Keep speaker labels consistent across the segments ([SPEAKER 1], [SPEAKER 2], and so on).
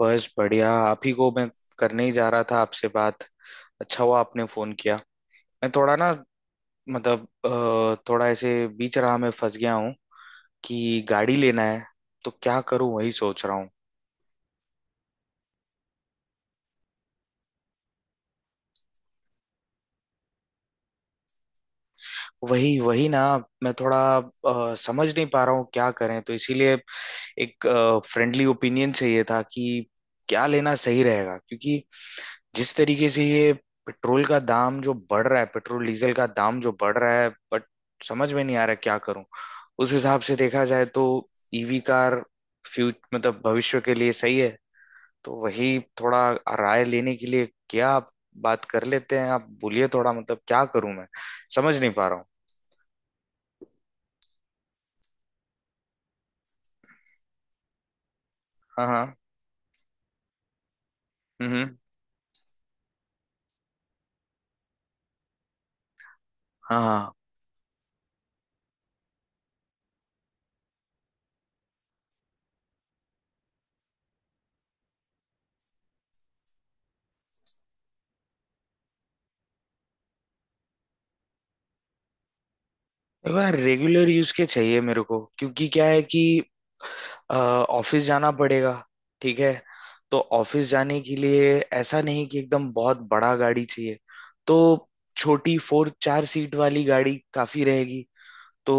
[SPEAKER 1] बस बढ़िया। आप ही को मैं करने ही जा रहा था आपसे बात। अच्छा हुआ आपने फोन किया। मैं थोड़ा ना थोड़ा ऐसे बीच राह में फंस गया हूँ कि गाड़ी लेना है, तो क्या करूँ वही सोच रहा हूँ। वही वही ना, मैं थोड़ा समझ नहीं पा रहा हूँ क्या करें, तो इसीलिए एक फ्रेंडली ओपिनियन चाहिए था कि क्या लेना सही रहेगा, क्योंकि जिस तरीके से ये पेट्रोल का दाम जो बढ़ रहा है, पेट्रोल डीजल का दाम जो बढ़ रहा है, बट समझ में नहीं आ रहा क्या करूं। उस हिसाब से देखा जाए तो ईवी कार फ्यूच मतलब भविष्य के लिए सही है। तो वही थोड़ा राय लेने के लिए क्या आप बात कर लेते हैं? आप बोलिए, थोड़ा मतलब क्या करूं मैं, समझ नहीं पा रहा हूँ। हाँ हाँ। हम्म। हाँ हाँ। मेरे को यार रेगुलर यूज के चाहिए मेरे को, क्योंकि क्या है कि ऑफिस जाना पड़ेगा। ठीक है, तो ऑफिस जाने के लिए ऐसा नहीं कि एकदम बहुत बड़ा गाड़ी चाहिए, तो छोटी फोर चार सीट वाली गाड़ी काफी रहेगी। तो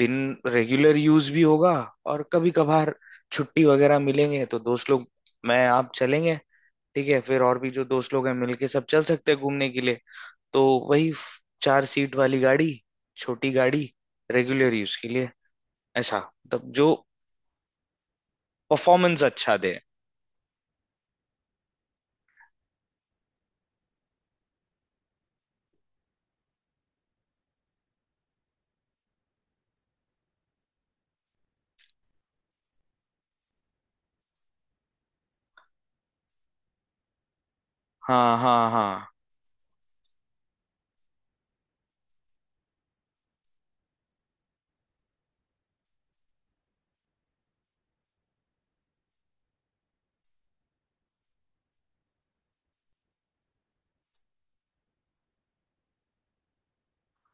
[SPEAKER 1] दिन रेगुलर यूज भी होगा, और कभी कभार छुट्टी वगैरह मिलेंगे तो दोस्त लोग मैं आप चलेंगे। ठीक है, फिर और भी जो दोस्त लोग हैं मिलके सब चल सकते हैं घूमने के लिए। तो वही चार सीट वाली गाड़ी, छोटी गाड़ी, रेगुलर यूज के लिए, ऐसा मतलब जो परफॉर्मेंस अच्छा दे। हाँ हाँ हाँ।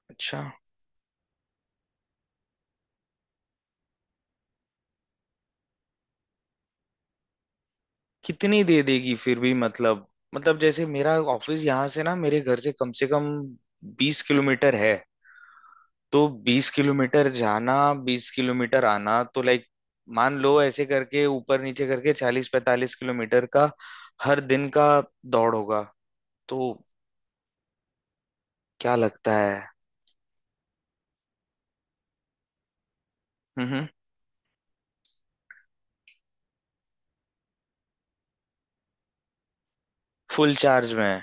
[SPEAKER 1] अच्छा, कितनी दे देगी फिर भी मतलब, जैसे मेरा ऑफिस यहाँ से ना मेरे घर से कम 20 किलोमीटर है, तो 20 किलोमीटर जाना, 20 किलोमीटर आना, तो लाइक मान लो ऐसे करके ऊपर नीचे करके 40-45 किलोमीटर का हर दिन का दौड़ होगा। तो क्या लगता है? हम्म हम्म। फुल चार्ज में?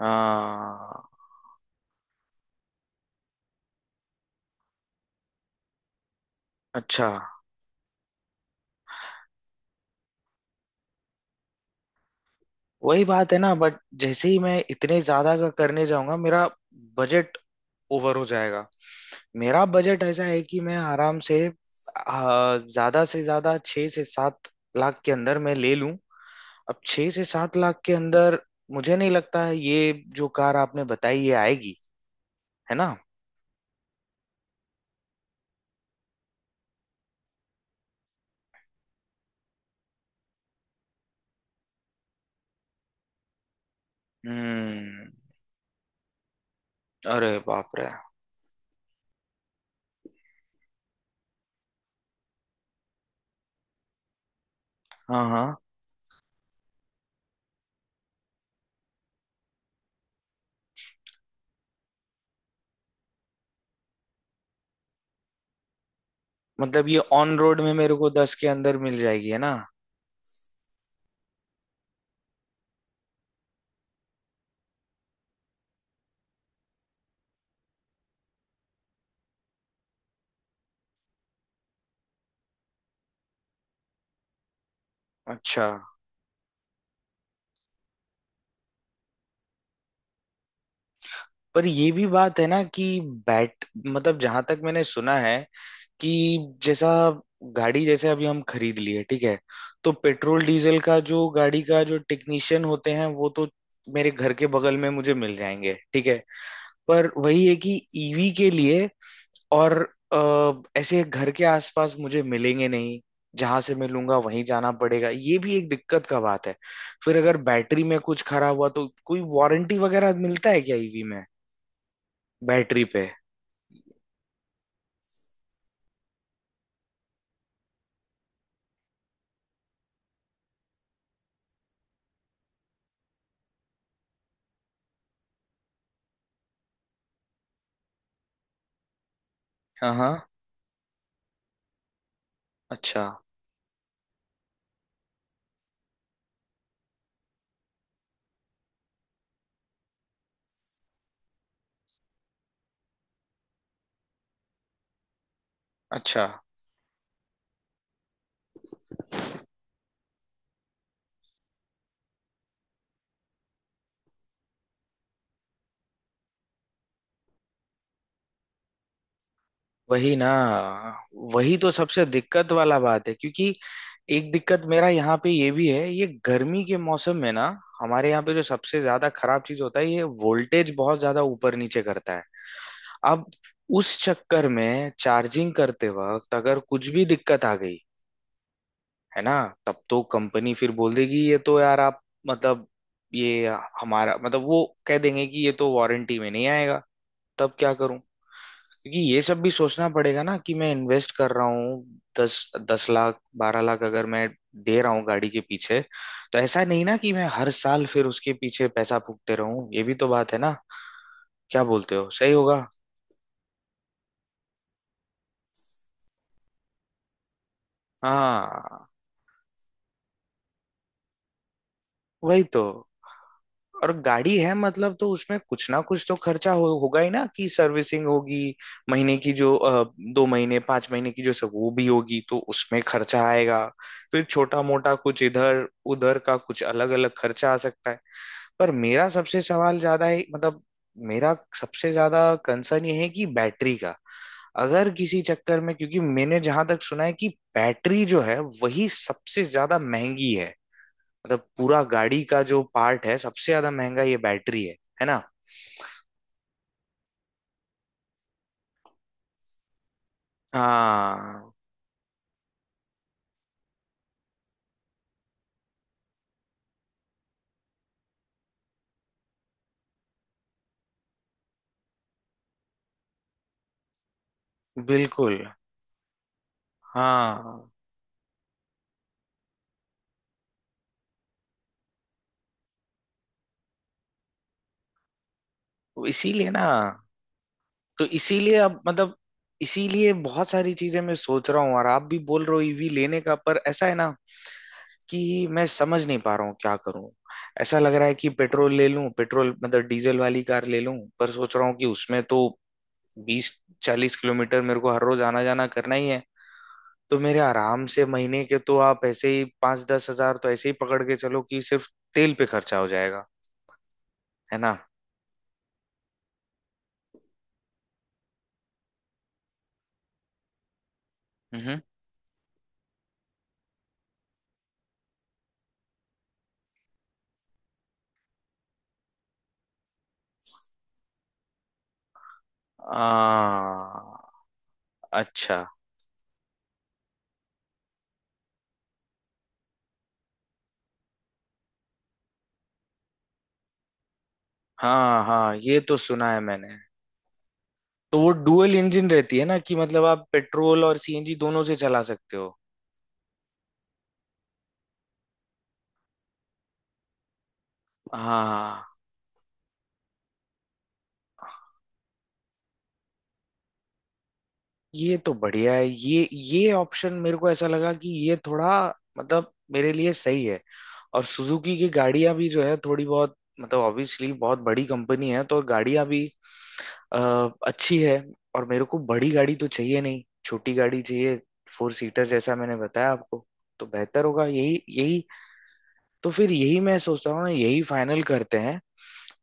[SPEAKER 1] हाँ। अच्छा, वही बात है ना, बट जैसे ही मैं इतने ज्यादा का करने जाऊंगा मेरा बजट ओवर हो जाएगा। मेरा बजट ऐसा है कि मैं आराम से ज्यादा से ज्यादा 6 से 7 लाख के अंदर मैं ले लूं। अब 6 से 7 लाख के अंदर मुझे नहीं लगता है ये जो कार आपने बताई ये आएगी, है ना? हम्म। अरे बाप रे। हाँ हाँ। मतलब ये ऑन रोड में मेरे को 10 के अंदर मिल जाएगी, है ना? अच्छा। पर ये भी बात है ना कि बैट मतलब जहां तक मैंने सुना है कि जैसा गाड़ी जैसे अभी हम खरीद लिए, ठीक है, तो पेट्रोल डीजल का जो गाड़ी का जो टेक्नीशियन होते हैं वो तो मेरे घर के बगल में मुझे मिल जाएंगे, ठीक है। पर वही है कि ईवी के लिए और ऐसे घर के आसपास मुझे मिलेंगे नहीं, जहां से मैं लूंगा वहीं जाना पड़ेगा, ये भी एक दिक्कत का बात है। फिर अगर बैटरी में कुछ खराब हुआ तो कोई वारंटी वगैरह मिलता है क्या ईवी में, बैटरी पे? हाँ हाँ। अच्छा अच्छा। वही ना, वही तो सबसे दिक्कत वाला बात है, क्योंकि एक दिक्कत मेरा यहाँ पे ये भी है, ये गर्मी के मौसम में ना हमारे यहाँ पे जो सबसे ज्यादा खराब चीज होता है, ये वोल्टेज बहुत ज्यादा ऊपर नीचे करता है। अब उस चक्कर में चार्जिंग करते वक्त अगर कुछ भी दिक्कत आ गई, है ना, तब तो कंपनी फिर बोल देगी ये तो यार आप मतलब ये हमारा मतलब वो कह देंगे कि ये तो वारंटी में नहीं आएगा, तब क्या करूं? क्योंकि ये सब भी सोचना पड़ेगा ना कि मैं इन्वेस्ट कर रहा हूँ दस 10 लाख 12 लाख अगर मैं दे रहा हूँ गाड़ी के पीछे, तो ऐसा नहीं ना कि मैं हर साल फिर उसके पीछे पैसा फूकते रहूं, ये भी तो बात है ना। क्या बोलते हो, सही होगा? हाँ, वही तो, और गाड़ी है मतलब, तो उसमें कुछ ना कुछ तो खर्चा होगा ही ना कि सर्विसिंग होगी, महीने की जो 2 महीने 5 महीने की जो सब वो भी होगी तो उसमें खर्चा आएगा, फिर छोटा मोटा कुछ इधर उधर का कुछ अलग अलग खर्चा आ सकता है। पर मेरा सबसे सवाल ज्यादा है मतलब, मेरा सबसे ज्यादा कंसर्न ये है कि बैटरी का, अगर किसी चक्कर में, क्योंकि मैंने जहां तक सुना है कि बैटरी जो है वही सबसे ज्यादा महंगी है, मतलब पूरा गाड़ी का जो पार्ट है सबसे ज्यादा महंगा ये बैटरी है ना। हाँ बिल्कुल। हाँ। तो इसीलिए ना, तो इसीलिए अब मतलब इसीलिए बहुत सारी चीजें मैं सोच रहा हूँ और आप भी बोल रहे हो ईवी लेने का, पर ऐसा है ना कि मैं समझ नहीं पा रहा हूँ क्या करूँ। ऐसा लग रहा है कि पेट्रोल ले लूं, पेट्रोल मतलब डीजल वाली कार ले लूं, पर सोच रहा हूँ कि उसमें तो बीस 40 किलोमीटर मेरे को हर रोज आना जाना करना ही है, तो मेरे आराम से महीने के तो आप ऐसे ही 5-10 हजार तो ऐसे ही पकड़ के चलो कि सिर्फ तेल पे खर्चा हो जाएगा, है ना? हम्म। आ, अच्छा। हाँ हाँ, ये तो सुना है मैंने, तो वो डुअल इंजन रहती है ना कि मतलब आप पेट्रोल और सीएनजी दोनों से चला सकते हो। हाँ, ये तो बढ़िया है, ये ऑप्शन मेरे को ऐसा लगा कि ये थोड़ा मतलब मेरे लिए सही है। और सुजुकी की गाड़ियां भी जो है थोड़ी बहुत मतलब ऑब्वियसली बहुत बड़ी कंपनी है तो गाड़ियां भी अ, अच्छी है। और मेरे को बड़ी गाड़ी तो चाहिए नहीं, छोटी गाड़ी चाहिए, फोर सीटर जैसा मैंने बताया आपको, तो बेहतर होगा यही यही। तो फिर यही मैं सोच रहा हूँ ना, यही फाइनल करते हैं।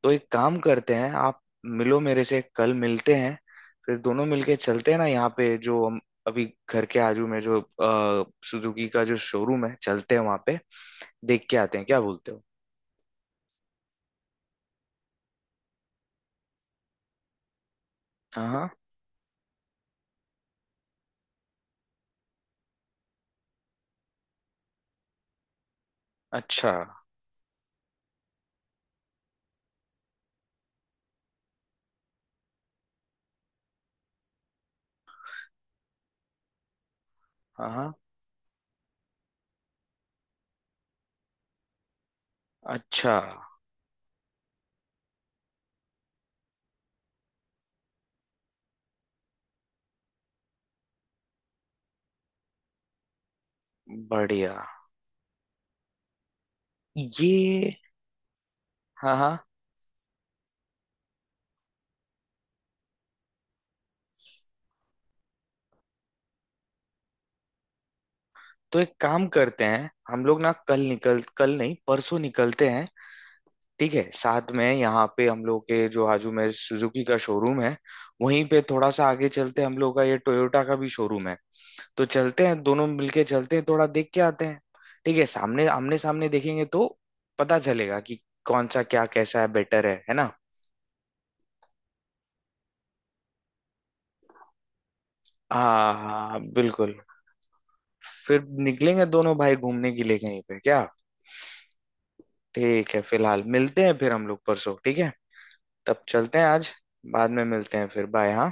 [SPEAKER 1] तो एक काम करते हैं आप मिलो मेरे से, कल मिलते हैं, फिर दोनों मिलके चलते हैं ना, यहाँ पे जो हम अभी घर के आजू में जो सुजुकी का जो शोरूम है चलते हैं वहाँ पे, देख के आते हैं, क्या बोलते हो? हाँ हाँ। अच्छा। हाँ हाँ। अच्छा, बढ़िया, ये। हाँ हाँ, तो एक काम करते हैं हम लोग ना, कल नहीं, परसों निकलते हैं, ठीक है, साथ में। यहाँ पे हम लोग के जो हाजू में सुजुकी का शोरूम है, वहीं पे थोड़ा सा आगे चलते हम लोग का ये टोयोटा का भी शोरूम है, तो चलते हैं, दोनों मिलके चलते हैं, थोड़ा देख के आते हैं, ठीक है। सामने आमने सामने देखेंगे तो पता चलेगा कि कौन सा क्या कैसा है, बेटर है ना? हाँ हाँ बिल्कुल। फिर निकलेंगे दोनों भाई घूमने के लिए कहीं पे, क्या? ठीक है, फिलहाल मिलते हैं फिर हम लोग परसों, ठीक है, तब चलते हैं आज, बाद में मिलते हैं फिर, बाय हाँ।